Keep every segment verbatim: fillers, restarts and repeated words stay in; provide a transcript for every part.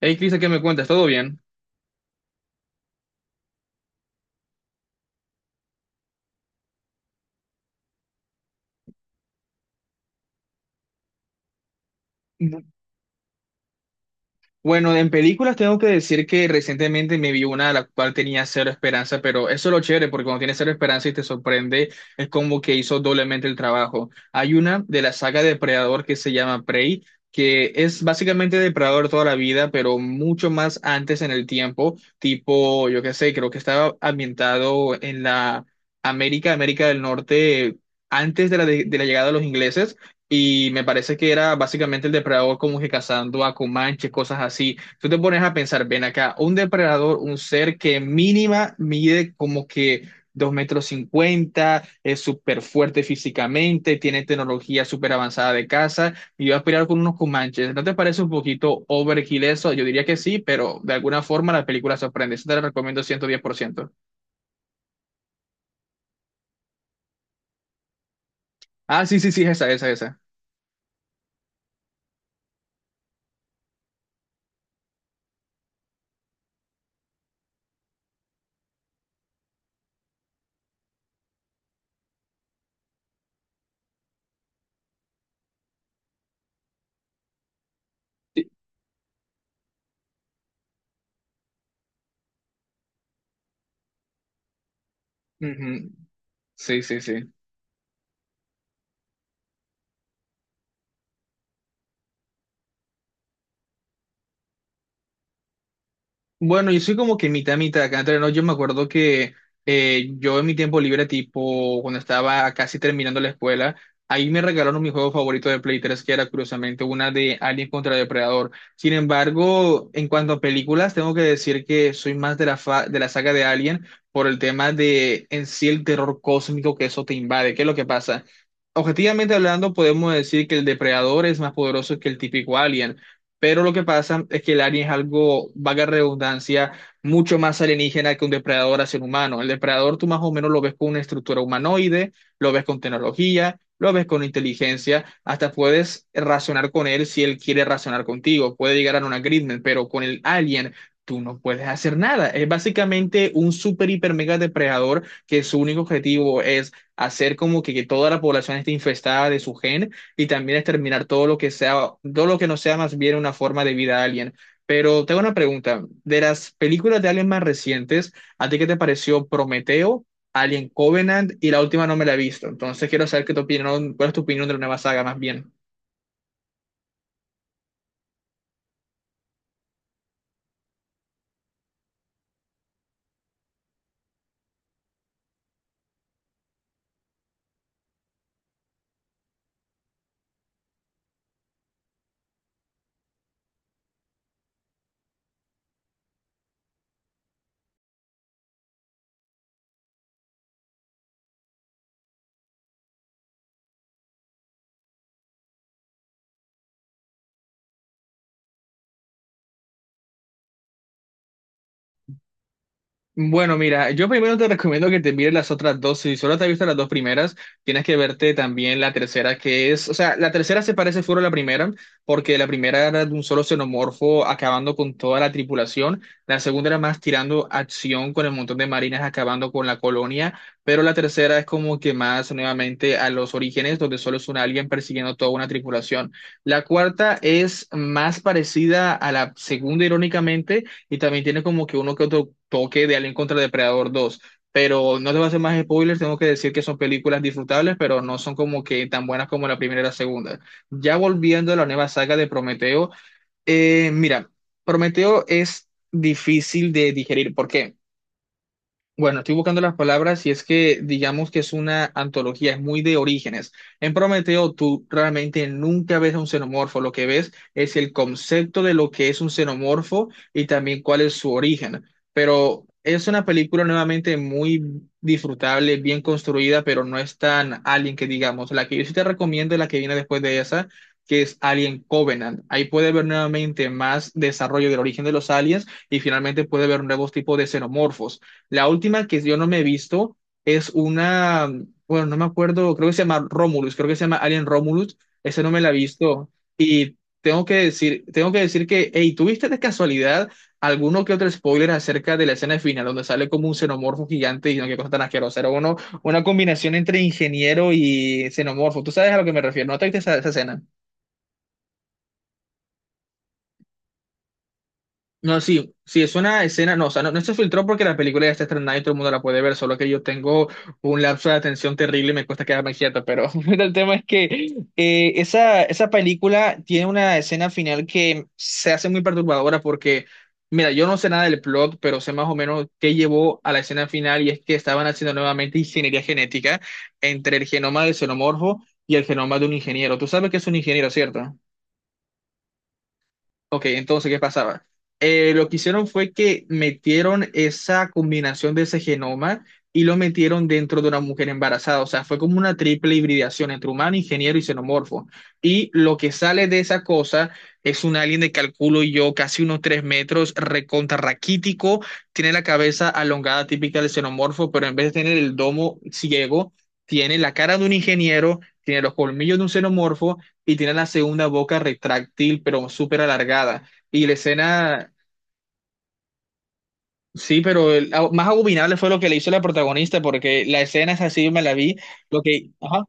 Hey, Cristian, ¿qué me cuentas? ¿Todo bien? Bu- Bueno, en películas tengo que decir que recientemente me vi una la cual tenía cero esperanza, pero eso es lo chévere, porque cuando tienes cero esperanza y te sorprende, es como que hizo doblemente el trabajo. Hay una de la saga Depredador que se llama Prey, que es básicamente Depredador toda la vida, pero mucho más antes en el tiempo, tipo, yo qué sé, creo que estaba ambientado en la América, América del Norte, antes de la, de de la llegada de los ingleses. Y me parece que era básicamente el depredador como que cazando a comanches, cosas así. Tú te pones a pensar, ven acá, un depredador, un ser que mínima mide como que dos metros cincuenta, es súper fuerte físicamente, tiene tecnología súper avanzada de caza y va a pelear con unos comanches. ¿No te parece un poquito overkill eso? Yo diría que sí, pero de alguna forma la película sorprende. Eso te la recomiendo ciento diez por ciento. Ah, sí, sí, sí, esa, esa, esa. Sí, ujú. Sí, sí, sí. Bueno, yo soy como que mitad, mitad acá entre nos. Yo me acuerdo que eh, yo en mi tiempo libre, tipo cuando estaba casi terminando la escuela, ahí me regalaron mi juego favorito de Play tres, que era curiosamente una de Alien contra Depredador. Sin embargo, en cuanto a películas, tengo que decir que soy más de la, fa- de la saga de Alien por el tema de en sí el terror cósmico que eso te invade. ¿Qué es lo que pasa? Objetivamente hablando, podemos decir que el Depredador es más poderoso que el típico Alien. Pero lo que pasa es que el alien es algo, vaga redundancia, mucho más alienígena que un depredador hacia un humano. El depredador tú más o menos lo ves con una estructura humanoide, lo ves con tecnología, lo ves con inteligencia, hasta puedes razonar con él si él quiere razonar contigo, puede llegar a un agreement, pero con el alien tú no puedes hacer nada. Es básicamente un super, hiper, mega depredador que su único objetivo es hacer como que, que toda la población esté infestada de su gen y también exterminar todo lo que sea, todo lo que no sea más bien una forma de vida alien. Pero tengo una pregunta, de las películas de alien más recientes, ¿a ti qué te pareció Prometeo, Alien Covenant y la última no me la he visto? Entonces quiero saber qué tu opinión, cuál es tu opinión de la nueva saga más bien. Bueno, mira, yo primero te recomiendo que te mires las otras dos. Si solo te has visto las dos primeras, tienes que verte también la tercera, que es, o sea, la tercera se parece fuera a la primera, porque la primera era de un solo xenomorfo acabando con toda la tripulación. La segunda era más tirando acción con el montón de marines acabando con la colonia, pero la tercera es como que más nuevamente a los orígenes, donde solo es un alien persiguiendo toda una tripulación. La cuarta es más parecida a la segunda, irónicamente, y también tiene como que uno que otro toque de Alien contra Depredador dos. Pero no te voy a hacer más spoilers, tengo que decir que son películas disfrutables, pero no son como que tan buenas como la primera y la segunda. Ya volviendo a la nueva saga de Prometeo, eh, mira, Prometeo es difícil de digerir. ¿Por qué? Bueno, estoy buscando las palabras y es que digamos que es una antología, es muy de orígenes. En Prometeo tú realmente nunca ves a un xenomorfo, lo que ves es el concepto de lo que es un xenomorfo y también cuál es su origen. Pero es una película nuevamente muy disfrutable, bien construida, pero no es tan Alien que digamos. La que yo sí te recomiendo es la que viene después de esa, que es Alien Covenant. Ahí puede ver nuevamente más desarrollo del origen de los aliens y finalmente puede ver nuevos tipos de xenomorfos. La última que yo no me he visto es una, bueno, no me acuerdo, creo que se llama Romulus, creo que se llama Alien Romulus, esa no me la he visto. Y tengo que decir, tengo que decir que, hey, ¿tuviste de casualidad alguno que otro spoiler acerca de la escena final, donde sale como un xenomorfo gigante y no, qué cosa tan asquerosa? Era uno, una combinación entre ingeniero y xenomorfo. ¿Tú sabes a lo que me refiero? ¿No te viste esa esa escena? No, sí, sí, es una escena, no, o sea, no, no se filtró porque la película ya está estrenada y todo el mundo la puede ver, solo que yo tengo un lapso de atención terrible y me cuesta quedarme quieto, pero el tema es que eh, esa, esa película tiene una escena final que se hace muy perturbadora porque, mira, yo no sé nada del plot, pero sé más o menos qué llevó a la escena final y es que estaban haciendo nuevamente ingeniería genética entre el genoma del xenomorfo y el genoma de un ingeniero. Tú sabes que es un ingeniero, ¿cierto? Ok, entonces, ¿qué pasaba? Eh, lo que hicieron fue que metieron esa combinación de ese genoma y lo metieron dentro de una mujer embarazada. O sea, fue como una triple hibridación entre humano, ingeniero y xenomorfo. Y lo que sale de esa cosa es un alien de calculo yo, casi unos tres metros, recontra raquítico. Tiene la cabeza alongada típica del xenomorfo, pero en vez de tener el domo ciego, tiene la cara de un ingeniero, tiene los colmillos de un xenomorfo y tiene la segunda boca retráctil, pero súper alargada. Y la escena, sí, pero el- ah, más abominable fue lo que le hizo la protagonista, porque la escena es así, me la vi, lo que, ajá,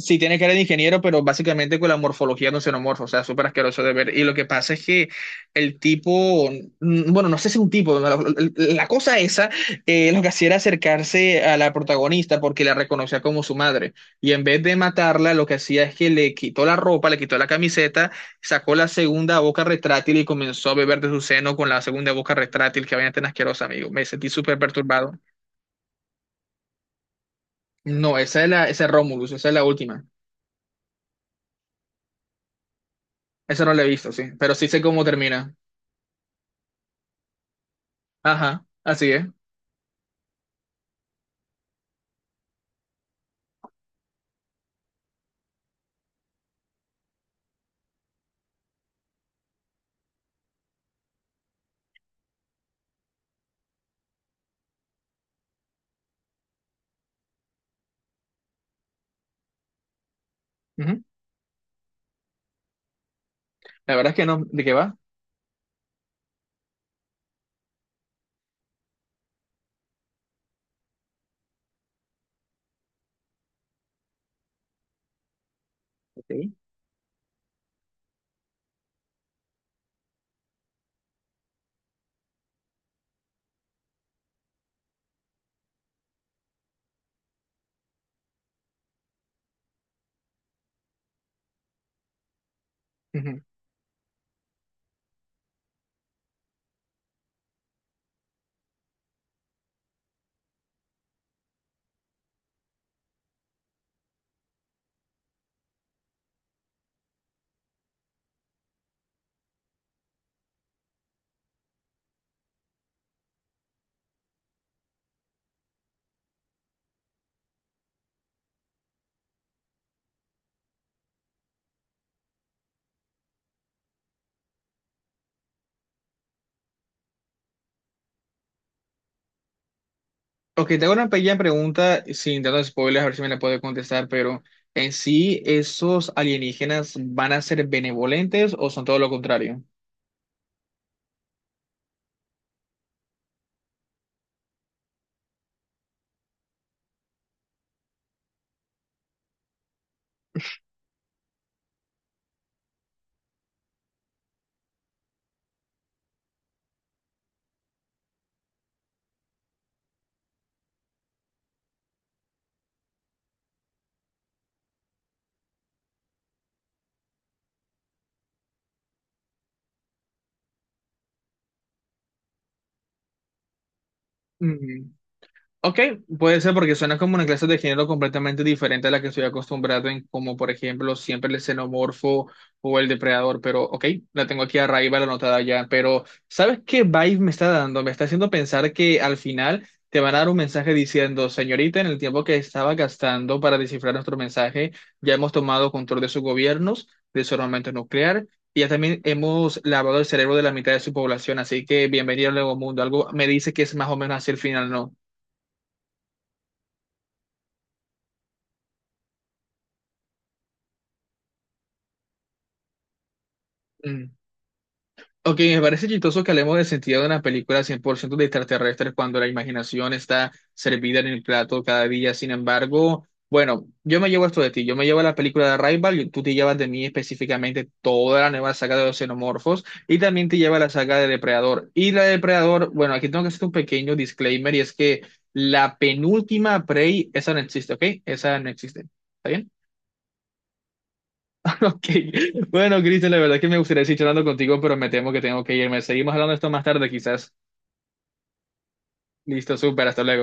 sí, tiene cara de ingeniero, pero básicamente con la morfología de un xenomorfo, o sea, súper asqueroso de ver. Y lo que pasa es que el tipo, mm, bueno, no sé si un tipo, la, la cosa esa, eh, lo que hacía era acercarse a la protagonista porque la reconocía como su madre. Y en vez de matarla, lo que hacía es que le quitó la ropa, le quitó la camiseta, sacó la segunda boca retráctil y comenzó a beber de su seno con la segunda boca retráctil que vaina tan asquerosa, amigo. Me sentí súper perturbado. No, esa es la, esa es Romulus, esa es la última. Eso no lo he visto, sí, pero sí sé cómo termina. Ajá, así es. Ujú. La verdad es que no, ¿de qué va? Ok. Ujú. Ok, tengo una pequeña pregunta, sin tantos spoilers, a ver si me la puede contestar, pero en sí, ¿esos alienígenas van a ser benevolentes o son todo lo contrario? Ok, puede ser porque suena como una clase de género completamente diferente a la que estoy acostumbrado en, como por ejemplo, siempre el xenomorfo o el depredador, pero ok, la tengo aquí arriba, la anotada ya, pero ¿sabes qué vibe me está dando? Me está haciendo pensar que al final te van a dar un mensaje diciendo, señorita, en el tiempo que estaba gastando para descifrar nuestro mensaje, ya hemos tomado control de sus gobiernos, de su armamento nuclear. Y ya también hemos lavado el cerebro de la mitad de su población, así que bienvenido al nuevo mundo. Algo me dice que es más o menos así el final, ¿no? Mm. Ok, me parece chistoso que hablemos del sentido de una película cien por ciento de extraterrestres cuando la imaginación está servida en el plato cada día. Sin embargo, bueno, yo me llevo esto de ti. Yo me llevo la película de Arrival y tú te llevas de mí específicamente toda la nueva saga de los xenomorfos y también te lleva la saga de Depredador. Y la de Depredador, bueno, aquí tengo que hacer un pequeño disclaimer y es que la penúltima Prey, esa no existe, ¿ok? Esa no existe. ¿Está bien? Ok, bueno, Cristian, la verdad es que me gustaría seguir charlando contigo, pero me temo que tengo que irme. Seguimos hablando de esto más tarde, quizás. Listo, súper, hasta luego.